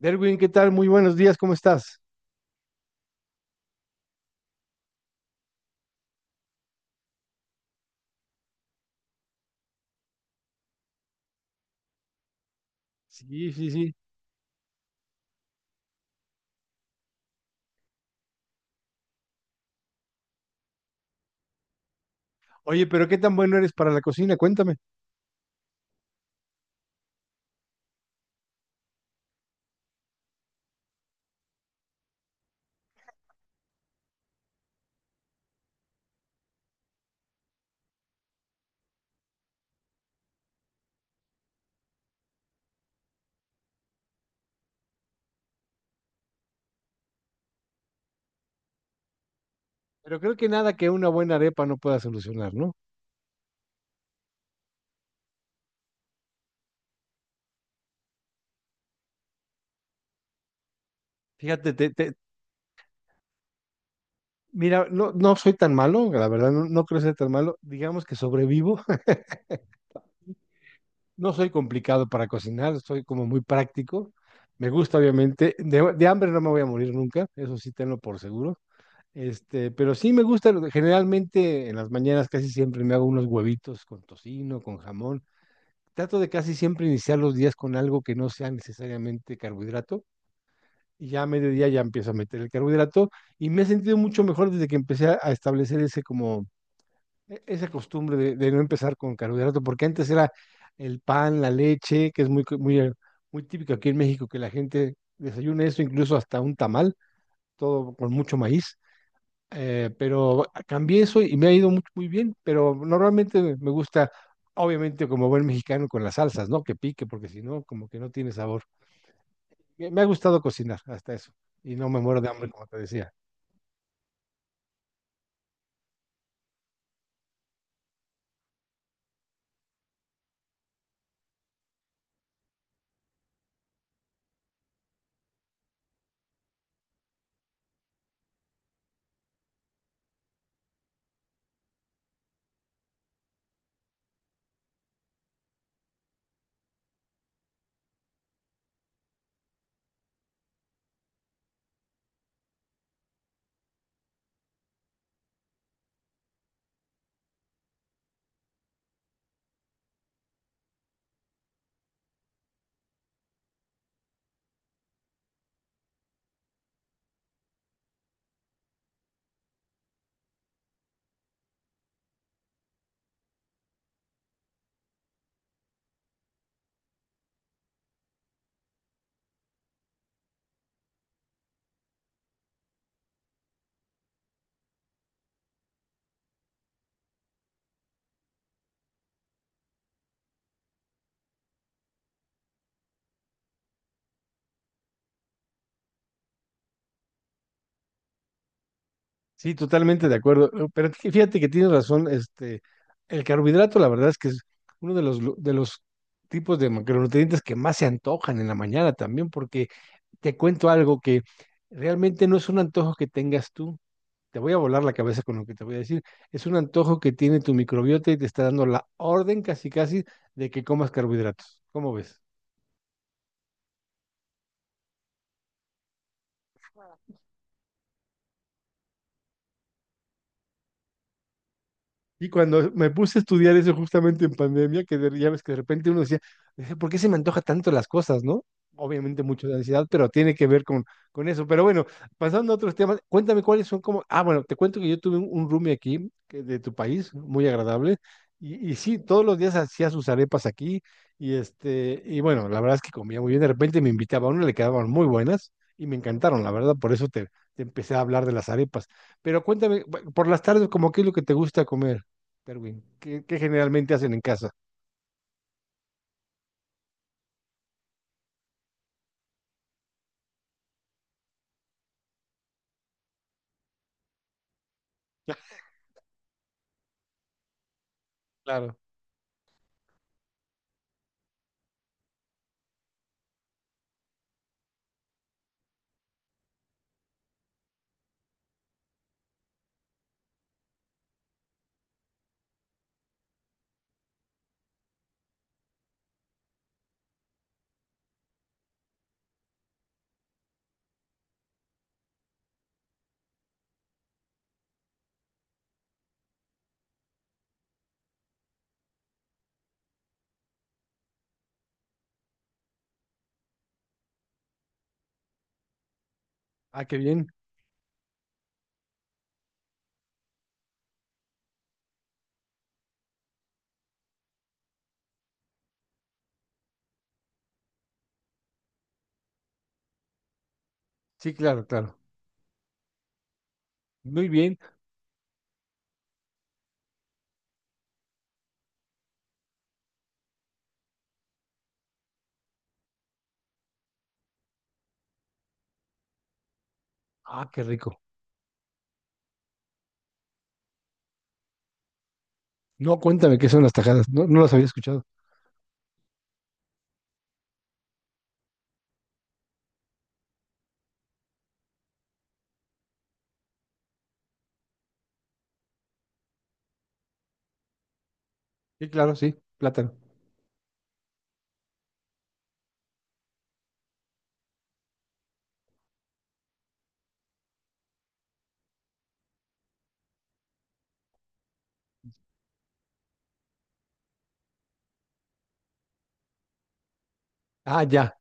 Derwin, ¿qué tal? Muy buenos días, ¿cómo estás? Sí, sí, sí. Oye, pero qué tan bueno eres para la cocina, cuéntame. Pero creo que nada que una buena arepa no pueda solucionar, ¿no? Fíjate, mira, no, no soy tan malo, la verdad, no, no creo ser tan malo. Digamos que sobrevivo. No soy complicado para cocinar, soy como muy práctico. Me gusta, obviamente. De hambre no me voy a morir nunca, eso sí tenlo por seguro. Este, pero sí me gusta, generalmente en las mañanas casi siempre me hago unos huevitos con tocino, con jamón. Trato de casi siempre iniciar los días con algo que no sea necesariamente carbohidrato, y ya a mediodía ya empiezo a meter el carbohidrato, y me he sentido mucho mejor desde que empecé a establecer ese como esa costumbre de no empezar con carbohidrato, porque antes era el pan, la leche, que es muy muy típico aquí en México que la gente desayuna eso, incluso hasta un tamal, todo con mucho maíz. Pero cambié eso y me ha ido muy bien. Pero normalmente me gusta, obviamente como buen mexicano, con las salsas, ¿no? Que pique, porque si no, como que no tiene sabor. Me ha gustado cocinar hasta eso, y no me muero de hambre, como te decía. Sí, totalmente de acuerdo. Pero fíjate que tienes razón. Este, el carbohidrato, la verdad es que es uno de los tipos de macronutrientes que más se antojan en la mañana también, porque te cuento algo que realmente no es un antojo que tengas tú. Te voy a volar la cabeza con lo que te voy a decir. Es un antojo que tiene tu microbiota y te está dando la orden casi casi de que comas carbohidratos. ¿Cómo ves? Y cuando me puse a estudiar eso justamente en pandemia, que ya ves que de repente uno decía: ¿por qué se me antoja tanto las cosas, no?" Obviamente mucho de ansiedad, pero tiene que ver con eso. Pero bueno, pasando a otros temas, cuéntame cuáles son como... Ah, bueno, te cuento que yo tuve un roomie aquí que de tu país, muy agradable, y sí, todos los días hacía sus arepas aquí, y este, y bueno, la verdad es que comía muy bien, de repente me invitaba a una, le quedaban muy buenas, y me encantaron, la verdad. Por eso te empecé a hablar de las arepas. Pero cuéntame, por las tardes, ¿cómo qué es lo que te gusta comer, Darwin? ¿Qué que generalmente hacen en casa? Claro. Ah, qué bien. Sí, claro, claro. Muy bien. Ah, qué rico. No, cuéntame qué son las tajadas. No, no las había escuchado. Sí, claro, sí, plátano. Ah, ya.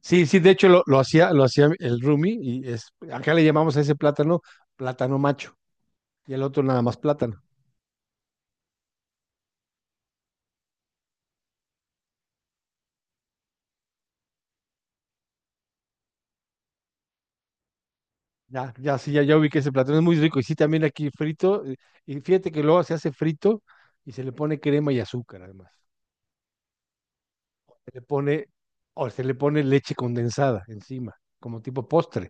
Sí, sí, de hecho lo hacía el Rumi. Y es, acá le llamamos a ese plátano plátano macho, y el otro nada más plátano. Ya, ya, sí, ya, ya vi que ese platón es muy rico. Y sí, también aquí frito. Y fíjate que luego se hace frito y se le pone crema y azúcar, además. Se le pone, o se le pone leche condensada encima, como tipo postre.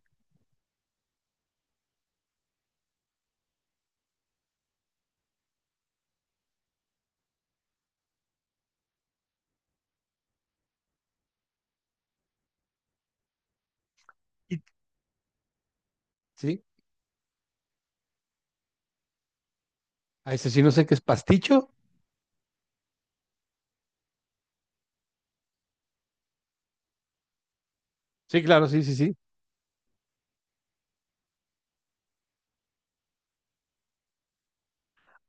Y- ¿Sí? A ese sí no sé qué es pasticho. Sí, claro, sí, sí, sí.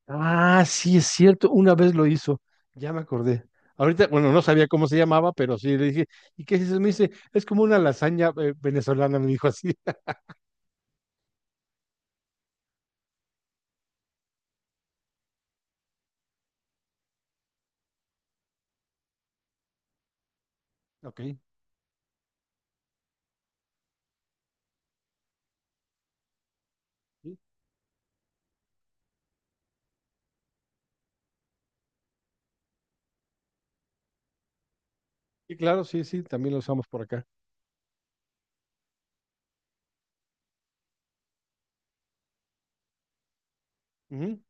Ah, sí, es cierto. Una vez lo hizo. Ya me acordé. Ahorita, bueno, no sabía cómo se llamaba, pero sí le dije: ¿y qué es eso? Me dice, es como una lasaña venezolana, me dijo así. Ok. Sí, sí, claro, sí, sí, también lo usamos por acá. Ujú.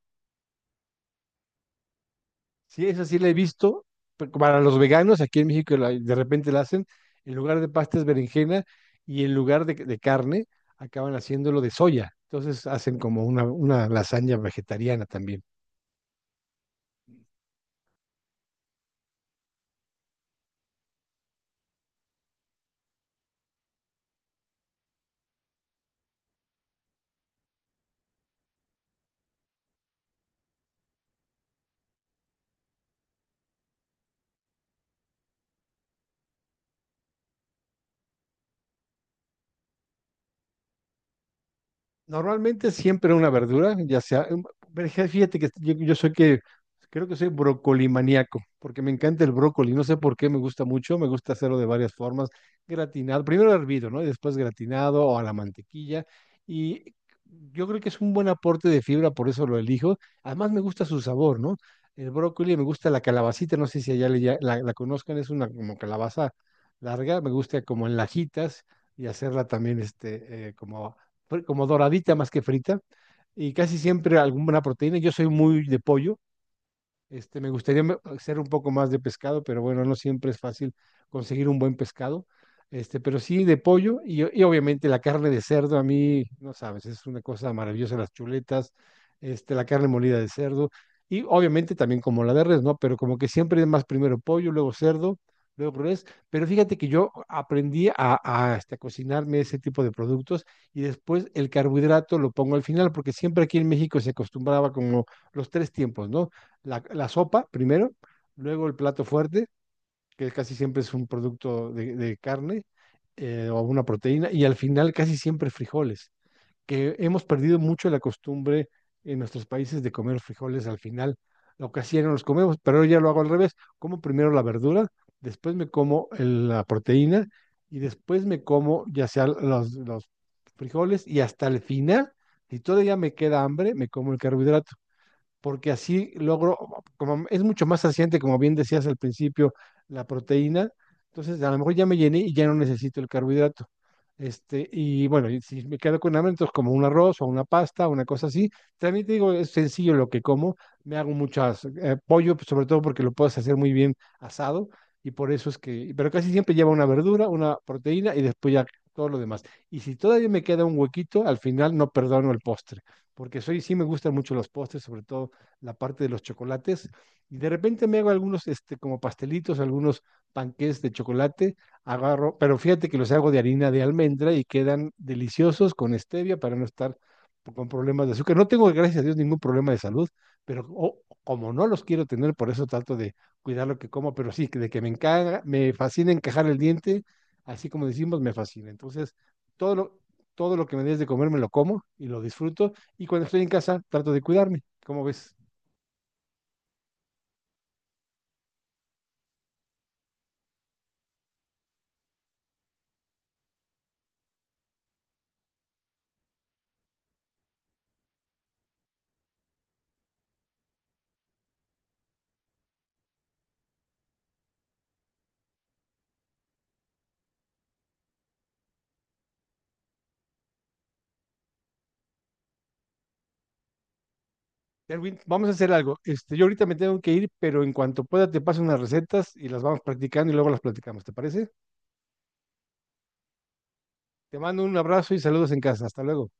Sí, esa sí la he visto. Pero para los veganos, aquí en México de repente la hacen, en lugar de pasta es berenjena, y en lugar de carne acaban haciéndolo de soya. Entonces hacen como una lasaña vegetariana también. Normalmente siempre una verdura, ya sea, em, pero fíjate que yo soy que, creo que soy brocolimaníaco, porque me encanta el brócoli, no sé por qué me gusta mucho, me gusta hacerlo de varias formas, gratinado, primero hervido, ¿no? Y después gratinado o a la mantequilla. Y yo creo que es un buen aporte de fibra, por eso lo elijo, además me gusta su sabor, ¿no? El brócoli, me gusta la calabacita, no sé si allá la conozcan, es una como calabaza larga, me gusta como en lajitas, y hacerla también este, como como doradita más que frita, y casi siempre alguna proteína. Yo soy muy de pollo. Este, me gustaría hacer un poco más de pescado, pero bueno, no siempre es fácil conseguir un buen pescado. Este, pero sí de pollo, y obviamente la carne de cerdo, a mí, no sabes, es una cosa maravillosa las chuletas, este, la carne molida de cerdo, y obviamente también como la de res, ¿no? Pero como que siempre es más primero pollo, luego cerdo, luego res. Pero fíjate que yo aprendí este, a cocinarme ese tipo de productos, y después el carbohidrato lo pongo al final, porque siempre aquí en México se acostumbraba como los tres tiempos, ¿no? La sopa primero, luego el plato fuerte, que casi siempre es un producto de carne o una proteína, y al final casi siempre frijoles, que hemos perdido mucho la costumbre en nuestros países de comer frijoles al final. Lo que hacían los comemos, pero yo ya lo hago al revés. Como primero la verdura, después me como la proteína, y después me como ya sea los frijoles, y hasta el final, si todavía me queda hambre, me como el carbohidrato, porque así logro, como es mucho más saciante, como bien decías al principio, la proteína, entonces a lo mejor ya me llené y ya no necesito el carbohidrato. Este, y bueno, y si me quedo con hambre, entonces como un arroz o una pasta, una cosa así. También te digo, es sencillo lo que como. Me hago muchas pollo, pues, sobre todo porque lo puedes hacer muy bien asado, y por eso es que, pero casi siempre lleva una verdura, una proteína, y después ya todo lo demás. Y si todavía me queda un huequito, al final no perdono el postre, porque soy, sí me gustan mucho los postres, sobre todo la parte de los chocolates, y de repente me hago algunos este, como pastelitos, algunos panqués de chocolate, agarro, pero fíjate que los hago de harina de almendra y quedan deliciosos con stevia, para no estar con problemas de azúcar. No tengo, gracias a Dios, ningún problema de salud, pero oh, como no los quiero tener, por eso trato de cuidar lo que como. Pero sí, que de que me encaja, me fascina encajar el diente, así como decimos, me fascina. Entonces, todo lo, todo lo que me des de comer me lo como y lo disfruto, y cuando estoy en casa trato de cuidarme, ¿cómo ves? Erwin, vamos a hacer algo. Este, yo ahorita me tengo que ir, pero en cuanto pueda te paso unas recetas y las vamos practicando, y luego las platicamos, ¿te parece? Te mando un abrazo y saludos en casa. Hasta luego.